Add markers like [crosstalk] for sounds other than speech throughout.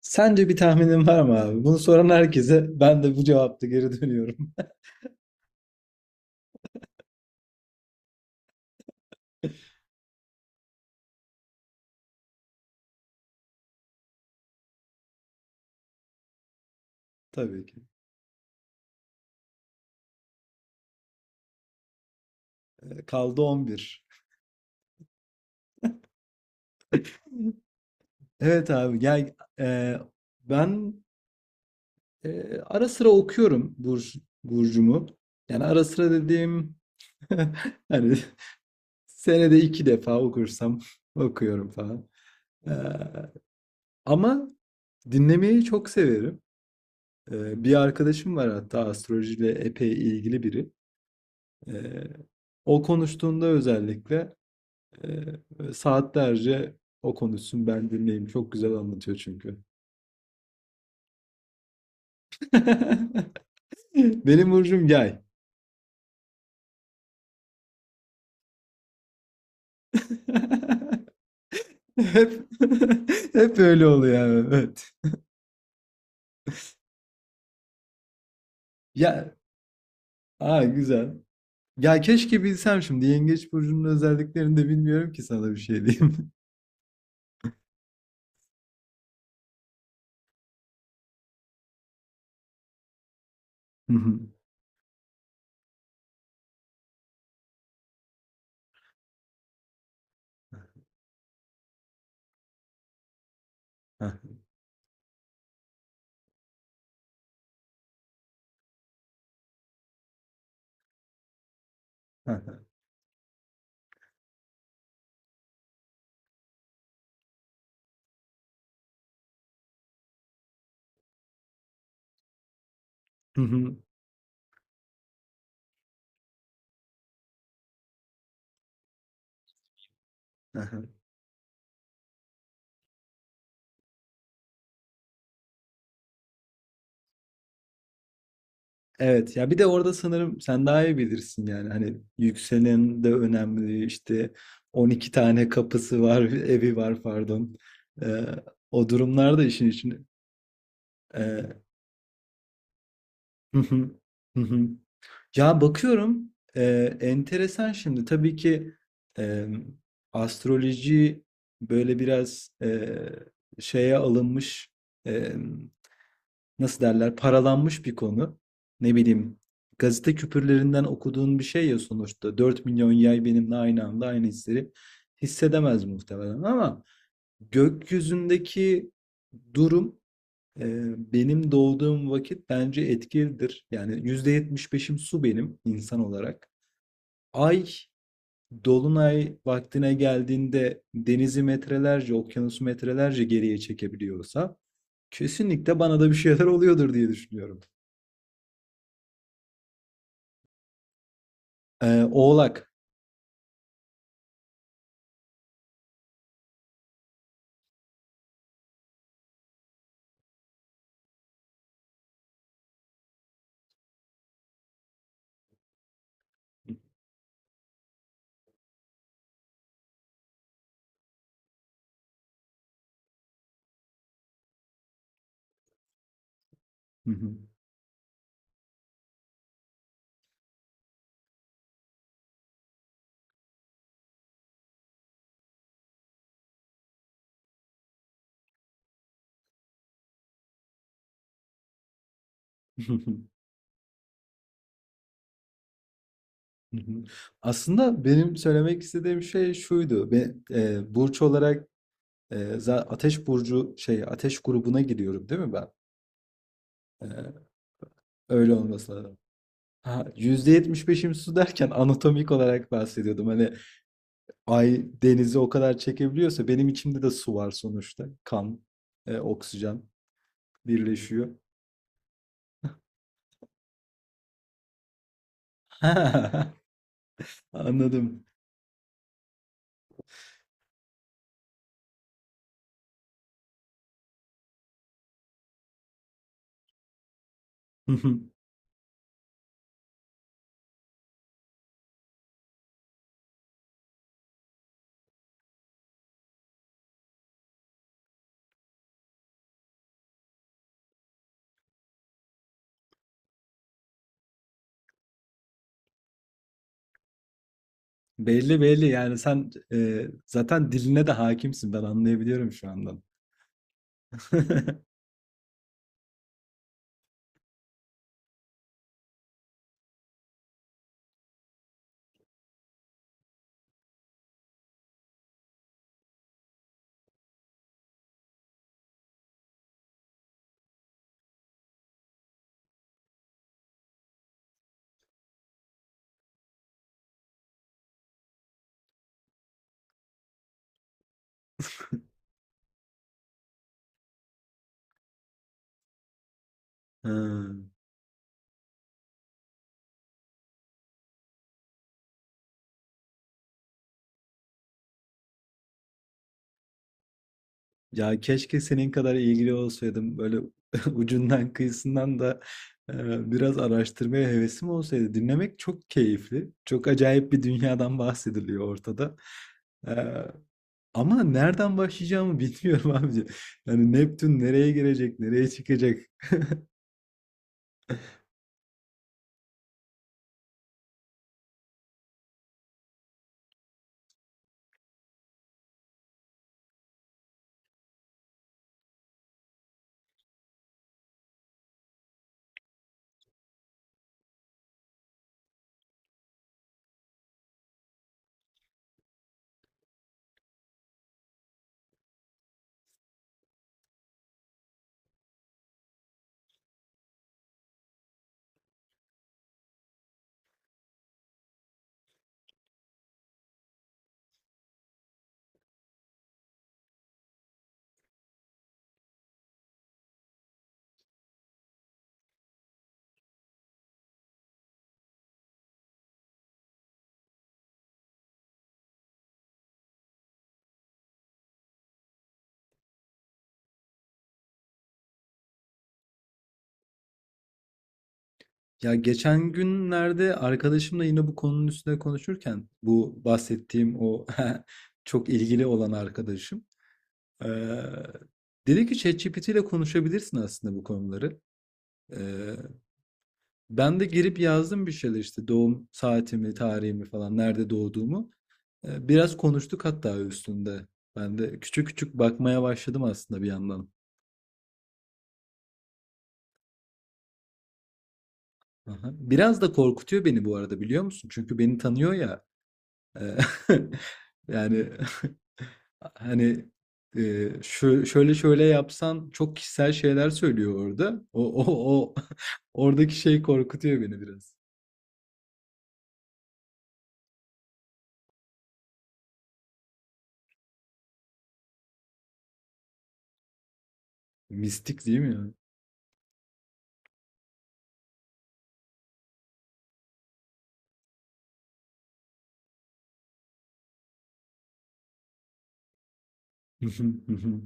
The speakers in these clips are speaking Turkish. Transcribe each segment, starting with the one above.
Sence bir tahminin var mı abi? Bunu soran herkese ben de bu cevapta geri dönüyorum. [laughs] Tabii ki. Kaldı 11. Evet abi gel, ben, ara sıra okuyorum Burcu'mu. Yani ara sıra dediğim [laughs] hani senede iki defa okursam [laughs] okuyorum falan. E, Ama dinlemeyi çok severim. Bir arkadaşım var hatta astrolojiyle epey ilgili biri. E, O konuştuğunda özellikle saatlerce o konuşsun ben dinleyeyim. Çok güzel anlatıyor çünkü. [laughs] Benim burcum yay. [laughs] Hep [laughs] hep öyle oluyor yani. Evet. Ya, aa güzel. Ya keşke bilsem, şimdi yengeç burcunun özelliklerini de bilmiyorum ki sana bir şey diyeyim. [laughs] Hı hı. Hı hı. Hı hı. Evet ya, bir de orada sanırım sen daha iyi bilirsin yani, hani yükselen de önemli işte, 12 tane kapısı var [laughs] evi var pardon. Ee, O durumlarda işin için [laughs] ya bakıyorum, enteresan şimdi tabii ki, e, astroloji böyle biraz şeye alınmış, e, nasıl derler, paralanmış bir konu. Ne bileyim, gazete küpürlerinden okuduğun bir şey ya sonuçta. 4 milyon yay benimle aynı anda aynı hisleri hissedemez muhtemelen, ama gökyüzündeki durum, benim doğduğum vakit bence etkilidir. Yani yüzde yetmiş beşim su benim insan olarak. Ay dolunay vaktine geldiğinde denizi metrelerce, okyanusu metrelerce geriye çekebiliyorsa kesinlikle bana da bir şeyler oluyordur diye düşünüyorum. Oğlak. Hı hı. [laughs] Aslında benim söylemek istediğim şey şuydu. Ve burç olarak, ateş burcu, şey, ateş grubuna giriyorum değil mi ben? Eee, Öyle olması lazım. Ha, %75'im su derken [laughs] anatomik olarak bahsediyordum. Hani ay denizi o kadar çekebiliyorsa benim içimde de su var sonuçta. Kan, oksijen birleşiyor. [laughs] Ha, anladım. [laughs] Belli belli, yani sen, zaten diline de hakimsin, ben anlayabiliyorum şu andan. [laughs] Ha. Ya keşke senin kadar ilgili olsaydım, böyle [laughs] ucundan kıyısından da biraz araştırmaya hevesim olsaydı. Dinlemek çok keyifli. Çok acayip bir dünyadan bahsediliyor ortada. E, Ama nereden başlayacağımı bilmiyorum [laughs] abici. Yani Neptün nereye girecek, nereye çıkacak? Ya geçen günlerde arkadaşımla yine bu konunun üstüne konuşurken, bu bahsettiğim o [laughs] çok ilgili olan arkadaşım eee dedi ki ChatGPT ile konuşabilirsin aslında bu konuları. Eee, Ben de girip yazdım bir şeyler, işte doğum saatimi, tarihimi falan, nerede doğduğumu. Biraz konuştuk hatta üstünde. Ben de küçük küçük bakmaya başladım aslında bir yandan. Aha. Biraz da korkutuyor beni bu arada, biliyor musun? Çünkü beni tanıyor ya. Eee, [laughs] yani, [laughs] hani, şö şöyle şöyle yapsan çok kişisel şeyler söylüyor orada. O o o [laughs] oradaki şey korkutuyor beni biraz. Mistik değil mi ya? [laughs] Hı.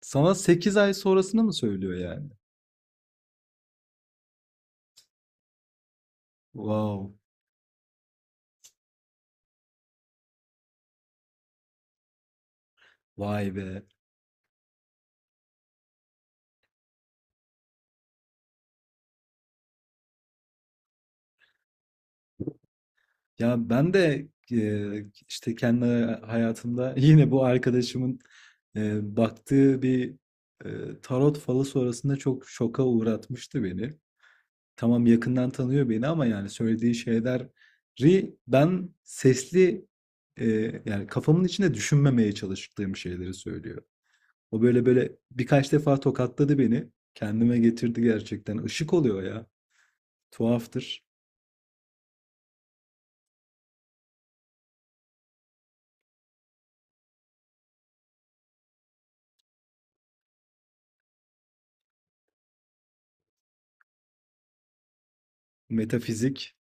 Sana 8 ay sonrasını mı söylüyor yani? Wow, vay be! Ya, ben de, işte, kendi hayatımda [laughs] yine bu arkadaşımın, baktığı bir, tarot falı sonrasında çok şoka uğratmıştı beni. Tamam, yakından tanıyor beni, ama yani söylediği şeyleri ben sesli, e, yani kafamın içinde düşünmemeye çalıştığım şeyleri söylüyor. O böyle böyle birkaç defa tokatladı beni. Kendime getirdi gerçekten. Işık oluyor ya. Tuhaftır. Metafizik.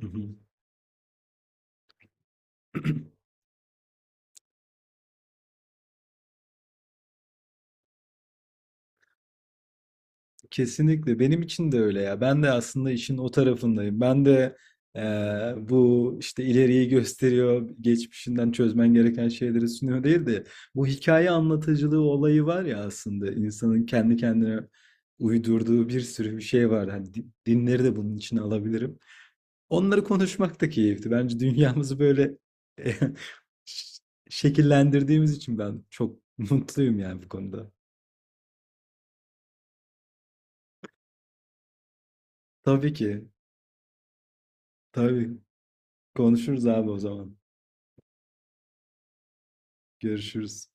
Hı hı. Kesinlikle benim için de öyle ya. Ben de aslında işin o tarafındayım. Ben de bu işte ileriyi gösteriyor, geçmişinden çözmen gereken şeyleri sunuyor değil de, bu hikaye anlatıcılığı olayı var ya, aslında insanın kendi kendine uydurduğu bir sürü bir şey var. Hani dinleri de bunun için alabilirim. Onları konuşmak da keyifli. Bence dünyamızı böyle [laughs] ş- şekillendirdiğimiz için ben çok mutluyum yani bu konuda. Tabii ki. Tabii. Konuşuruz abi o zaman. Görüşürüz.